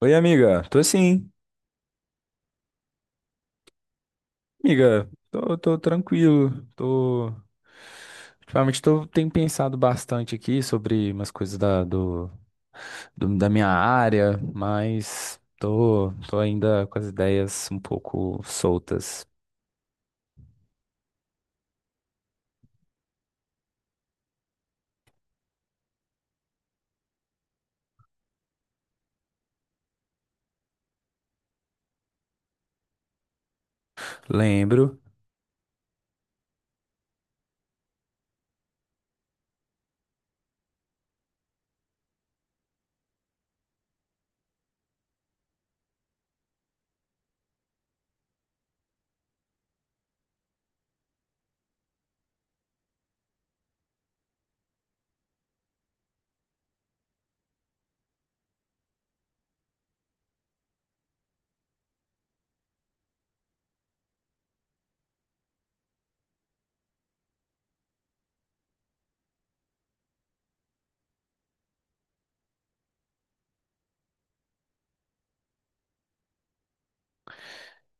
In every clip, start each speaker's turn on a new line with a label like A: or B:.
A: Oi, amiga. Tô sim, amiga. Tô tranquilo. Tô. Ultimamente tô, tenho pensado bastante aqui sobre umas coisas da minha área, mas tô ainda com as ideias um pouco soltas. Lembro,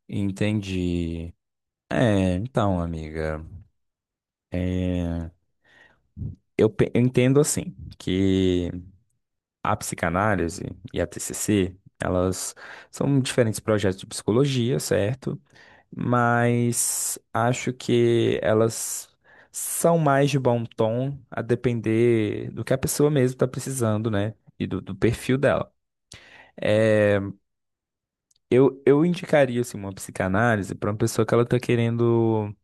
A: entendi. Então, amiga. é, eu entendo assim que a psicanálise e a TCC, elas são diferentes projetos de psicologia, certo? Mas acho que elas são mais de bom tom, a depender do que a pessoa mesmo está precisando, né? E do perfil dela. É, eu indicaria assim, uma psicanálise para uma pessoa que ela tá querendo.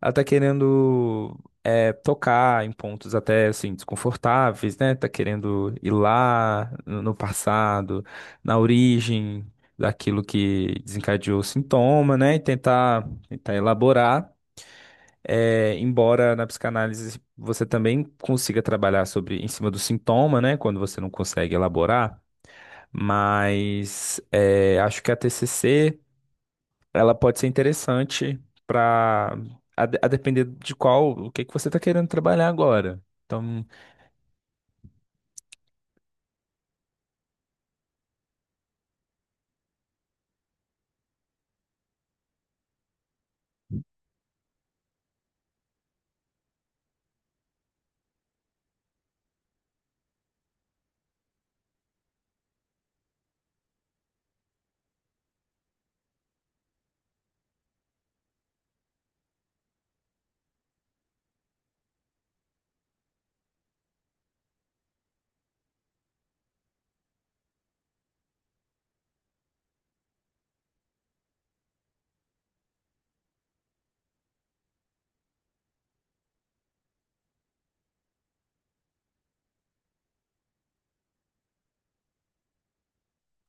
A: Ela tá querendo é, tocar em pontos até assim, desconfortáveis, né? Tá querendo ir lá no passado, na origem daquilo que desencadeou o sintoma, né? E tentar elaborar. É, embora na psicanálise você também consiga trabalhar sobre em cima do sintoma, né, quando você não consegue elaborar, mas é, acho que a TCC ela pode ser interessante para a depender de qual o que que você está querendo trabalhar agora. Então,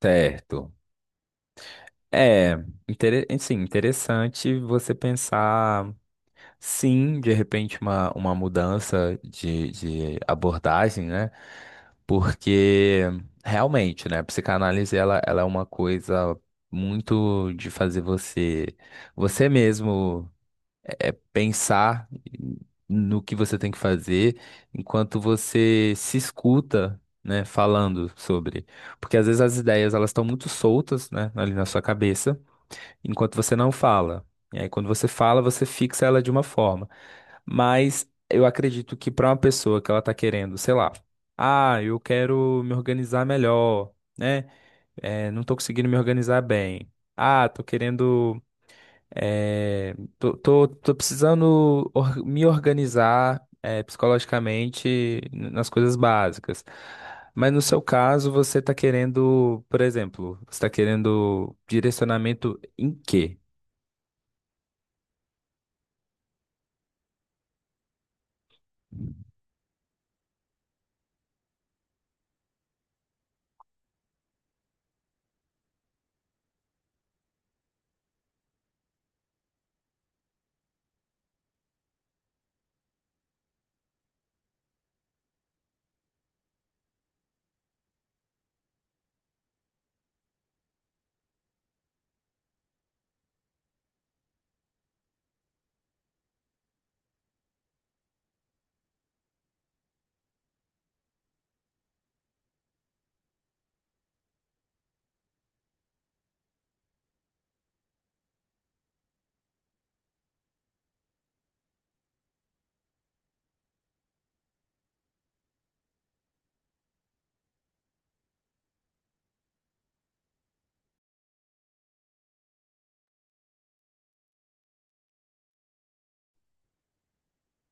A: certo. é, sim, interessante você pensar. Sim, de repente uma mudança de abordagem, né? Porque realmente, né, a psicanálise ela é uma coisa muito de fazer você mesmo é, pensar no que você tem que fazer enquanto você se escuta, né, falando sobre. Porque às vezes as ideias elas estão muito soltas, né, ali na sua cabeça enquanto você não fala. E aí, quando você fala, você fixa ela de uma forma. Mas eu acredito que para uma pessoa que ela tá querendo, sei lá, ah, eu quero me organizar melhor, né? É, não tô conseguindo me organizar bem. Ah, tô querendo. Tô precisando me organizar, é, psicologicamente nas coisas básicas. Mas no seu caso, você está querendo, por exemplo, você tá querendo direcionamento em quê?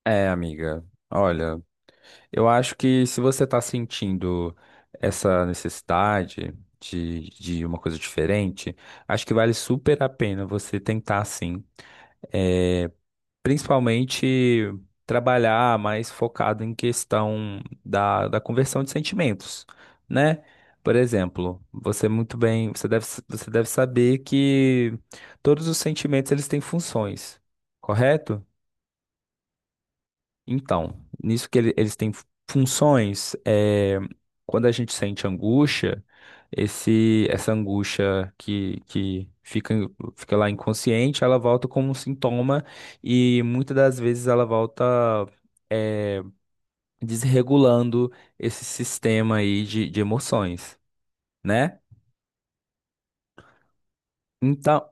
A: É, amiga. Olha, eu acho que se você tá sentindo essa necessidade de uma coisa diferente, acho que vale super a pena você tentar sim. É, principalmente trabalhar mais focado em questão da conversão de sentimentos, né? Por exemplo, você muito bem, você deve saber que todos os sentimentos eles têm funções, correto? Então, nisso que eles têm funções, é, quando a gente sente angústia, essa angústia que fica, fica lá inconsciente, ela volta como um sintoma e muitas das vezes ela volta, é, desregulando esse sistema aí de emoções, né? Então,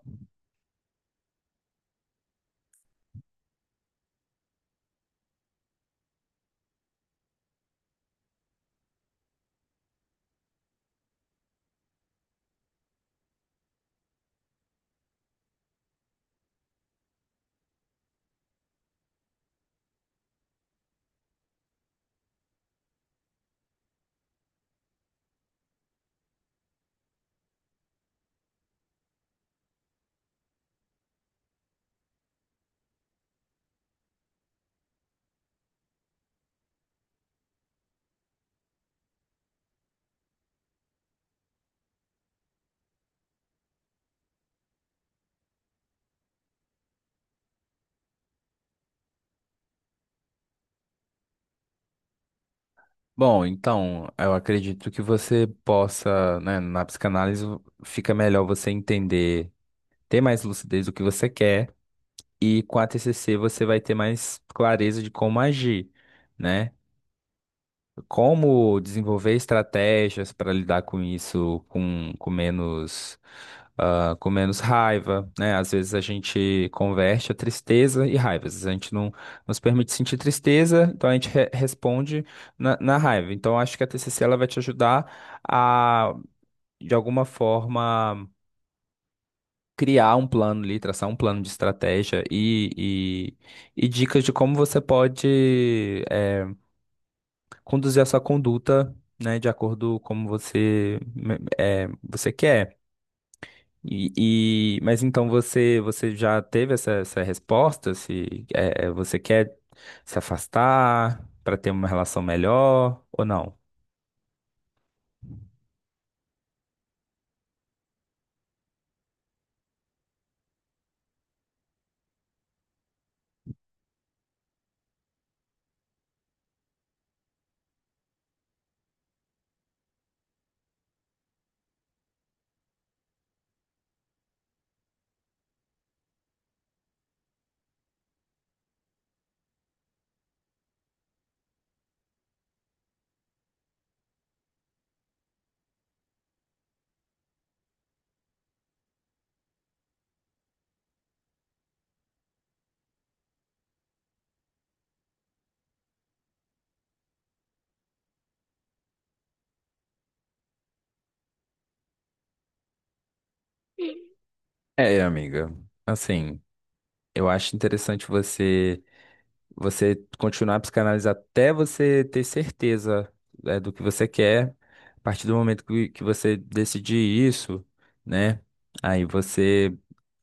A: bom, então, eu acredito que você possa, né, na psicanálise fica melhor você entender, ter mais lucidez do que você quer. E com a TCC você vai ter mais clareza de como agir, né? Como desenvolver estratégias para lidar com isso com menos, ah, com menos raiva, né? Às vezes a gente converte a tristeza e raiva. Às vezes a gente não nos permite sentir tristeza, então a gente responde na raiva. Então acho que a TCC ela vai te ajudar a, de alguma forma, criar um plano ali, traçar um plano de estratégia e dicas de como você pode eh, conduzir a sua conduta, né, de acordo com como você, eh, você quer. E, mas então você, você já teve essa resposta? Se eh, você quer se afastar para ter uma relação melhor ou não? É, amiga, assim, eu acho interessante você. Você continuar a psicanálise até você ter certeza, né, do que você quer. A partir do momento que você decidir isso, né? Aí você,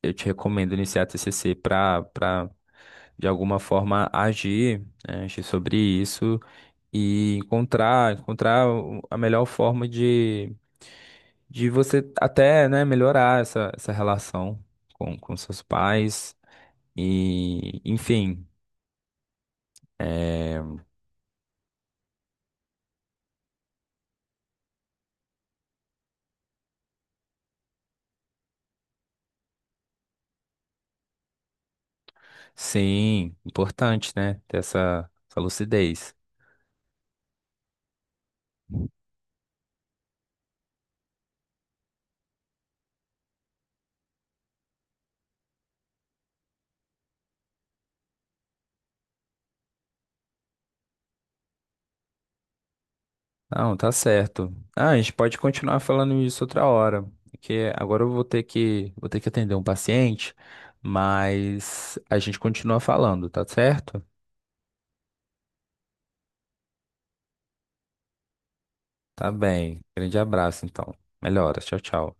A: eu te recomendo iniciar a TCC para para de alguma forma agir, né, agir sobre isso e encontrar a melhor forma de você até, né, melhorar essa relação com seus pais e enfim, é, sim, importante, né? Ter essa lucidez. Não, tá certo. Ah, a gente pode continuar falando isso outra hora, porque agora eu vou ter que vou ter que atender um paciente, mas a gente continua falando, tá certo? Tá bem. Grande abraço, então. Melhoras. Tchau, tchau.